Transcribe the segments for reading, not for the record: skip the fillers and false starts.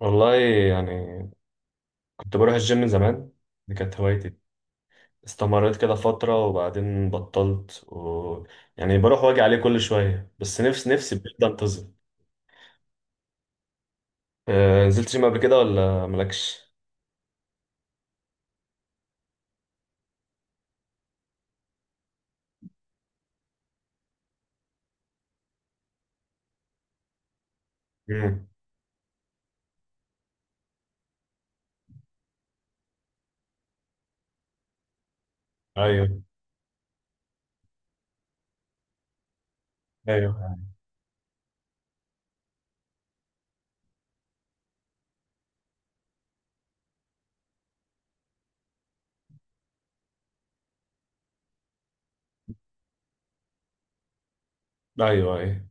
والله يعني كنت بروح الجيم من زمان. دي كانت هوايتي. استمريت كده فترة وبعدين بطلت يعني بروح واجي عليه كل شوية. بس نفسي نفسي بجد انتظم. نزلت جيم قبل كده ولا مالكش؟ مم. ايوه، ايوه. ايوه، ايوه.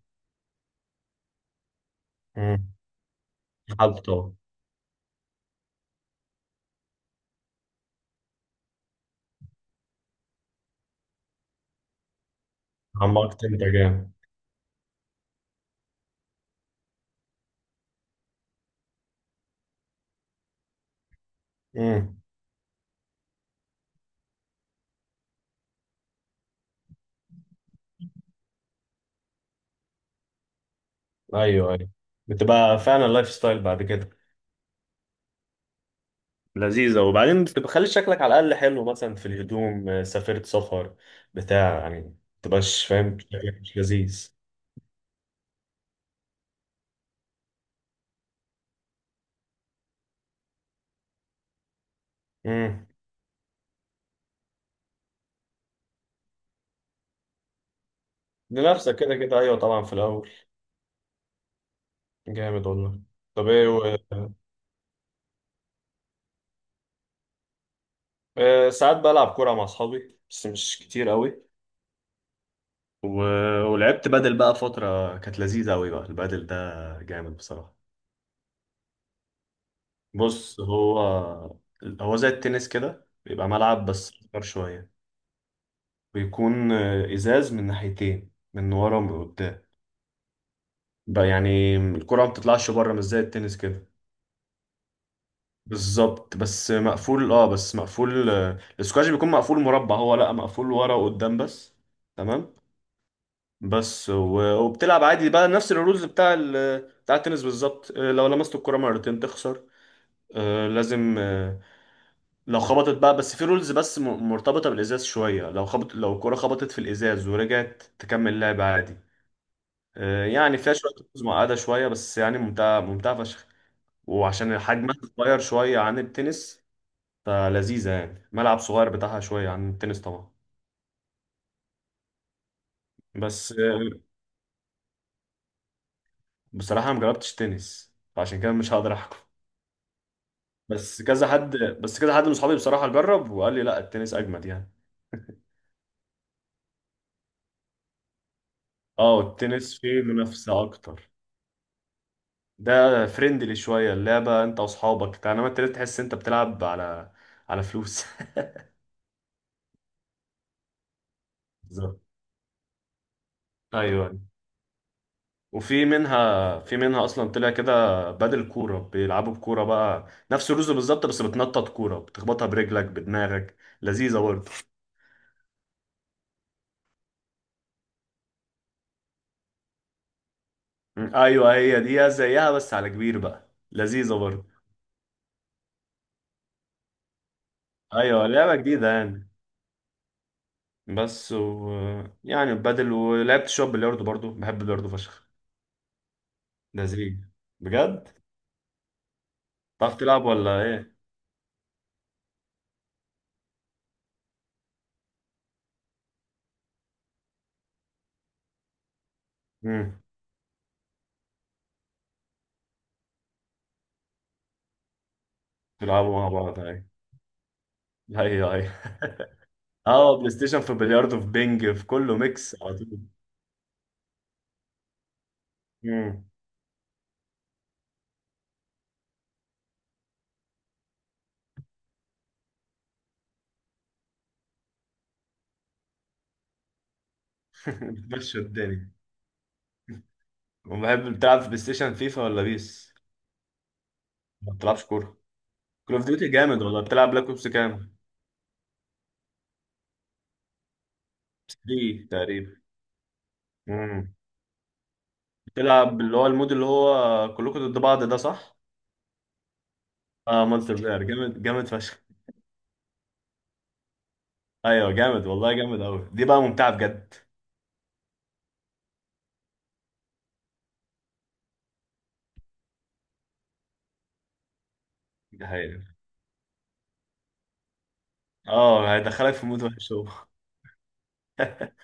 مم. حالته. عمقت انت جامد. امم ايوه، ايوه. بتبقى فعلا لايف ستايل بعد كده. لذيذة، وبعدين بتبقى خلي شكلك على الأقل حلو، مثلا في الهدوم. سافرت سفر بتاع يعني ما تبقاش فاهم شكلك مش لذيذ. امم لنفسك كده كده، أيوه طبعا في الأول. جامد والله. طب إيه ساعات بلعب كورة مع أصحابي بس مش كتير قوي. و... ولعبت بدل بقى فترة، كانت لذيذة قوي بقى البدل ده. جامد بصراحة. بص، هو زي التنس كده، بيبقى ملعب بس أكبر شوية. بيكون إزاز من ناحيتين، من ورا ومن قدام بقى. يعني الكرة ما بتطلعش بره مش زي التنس كده. بالظبط، بس مقفول السكواش بيكون مقفول مربع. هو لا، مقفول ورا وقدام بس. تمام. وبتلعب عادي بقى نفس الرولز بتاع التنس بالظبط. لو لمست الكرة مرتين تخسر. آه، لازم آه، لو خبطت بقى، بس في رولز مرتبطة بالإزاز شوية. لو الكرة خبطت في الإزاز ورجعت تكمل لعب عادي. يعني فيها شوية رولز معقدة شوية، بس يعني ممتعة ممتعة فشخ. وعشان حجمها صغير شوية عن التنس، فلذيذة يعني. ملعب صغير بتاعها شوية عن التنس طبعا. بس آه، بصراحة ما جربتش تنس، فعشان كده مش هقدر أحكم. بس كذا حد من صحابي بصراحة جرب وقال لي لا، التنس أجمد يعني. اه التنس فيه منافسة أكتر. ده فريندلي شوية اللعبة، انت واصحابك، انما انت ليه تحس انت بتلعب على فلوس. بالظبط. ايوه. وفي منها في منها اصلا طلع كده. بدل كورة بيلعبوا بكورة، بقى نفس الرز بالظبط، بس بتنطط كورة بتخبطها برجلك بدماغك. لذيذة برضه. ايوه هي دي زيها بس على كبير بقى. لذيذة برضه. ايوه، لعبة جديدة يعني. بس و... يعني بدل. ولعبت شوية بلياردو برضه، بحب البلياردو فشخ. لذيذ بجد. تعرف تلعب ولا؟ ايه؟ بيلعبوا مع بعض. هاي، هاي، هاي. اه بلاي ستيشن، في بلياردو، في بينج، في كله ميكس على طول. مم. بتمشي الدنيا. وبحب. بتلعب في بلاي ستيشن فيفا ولا بيس؟ ما بتلعبش كورة. كول اوف ديوتي جامد والله. بتلعب بلاك اوبس كام؟ 3 تقريبا. مم. بتلعب اللي هو المود، اللي هو كلكم ضد بعض، ده صح؟ اه مونستر بلاير. جامد، جامد فشخ. ايوه جامد والله، جامد قوي. دي بقى ممتعة بجد. دي حقيقة. اه هيدخلك في مود وحش أوي.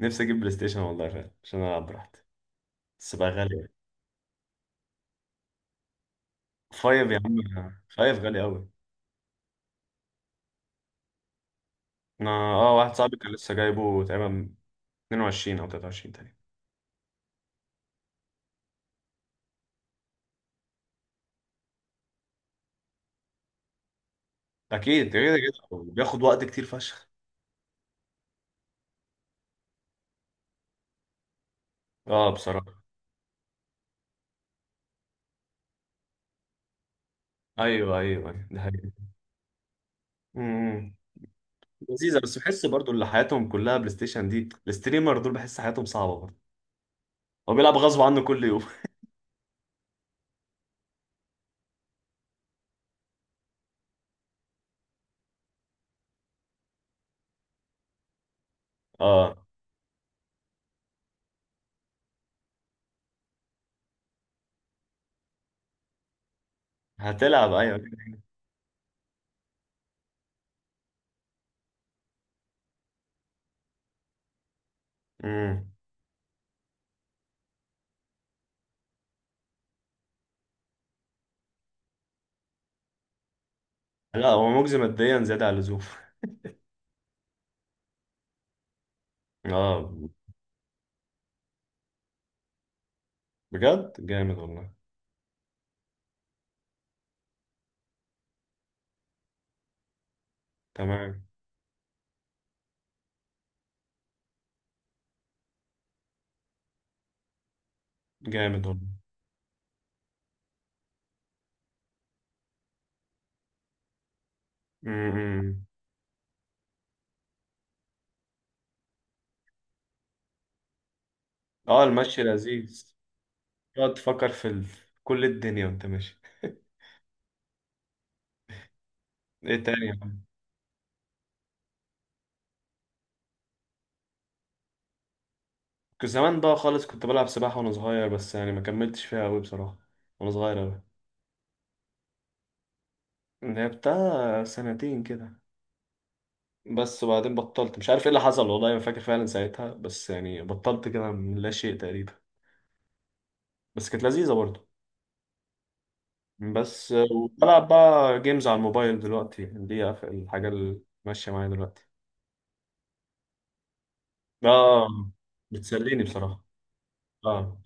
نفسي اجيب بلاي ستيشن والله فعلا، عشان العب براحتي. بس بقى غالي. فايف يا عم، فايف غالي قوي. انا، واحد صاحبي كان لسه جايبه تقريبا 22 او 23 تاني. اكيد، كده كده بياخد وقت كتير فشخ. اه بصراحه، ايوه، ايوه، أيوة، ده حقيقي. امم لذيذه، بس بحس برضو اللي حياتهم كلها بلاي ستيشن دي، الستريمر دول، بحس حياتهم صعبه برضو. هو بيلعب غصب عنه كل يوم. اه هتلعب، ايوه. امم لا، هو مجزي ماديا زياده عن اللزوم. اه بجد جامد والله. تمام. جامد والله. امم اه المشي لذيذ. تقعد تفكر في كل الدنيا وانت ماشي. ايه تاني يا عم؟ كنت زمان بقى خالص، كنت بلعب سباحة وانا صغير، بس يعني ما كملتش فيها قوي بصراحة. وانا صغير قوي. لعبتها سنتين كده بس. وبعدين بطلت، مش عارف ايه اللي حصل، والله ما فاكر فعلا ساعتها، بس يعني بطلت كده من لا شيء تقريبا. بس كانت لذيذة برضه. بس بلعب بقى جيمز على الموبايل دلوقتي. دي الحاجة اللي ماشية معايا دلوقتي. اه بتسليني بصراحة. اه، ما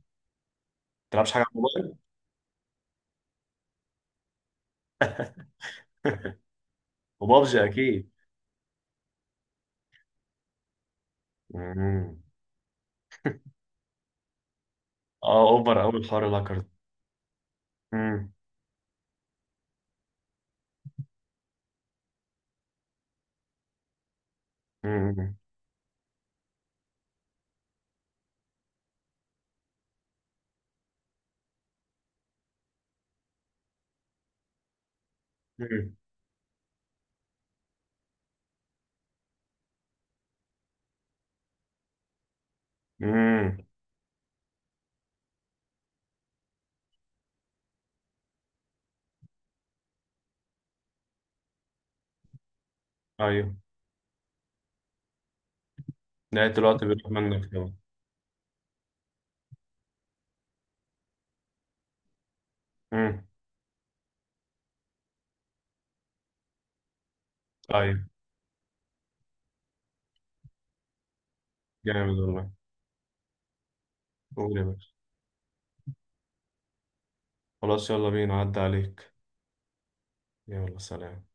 بتلعبش حاجة على الموبايل؟ وبابجي اكيد. مم. اه اوفر قوي الحوار الاكر ده. امم امم امم امم ايوه، نهاية الوقت بيروح منك طبعا. امم ايوه جامد والله. قول يا باشا. خلاص يلا بينا، عدى عليك. يلا، سلام.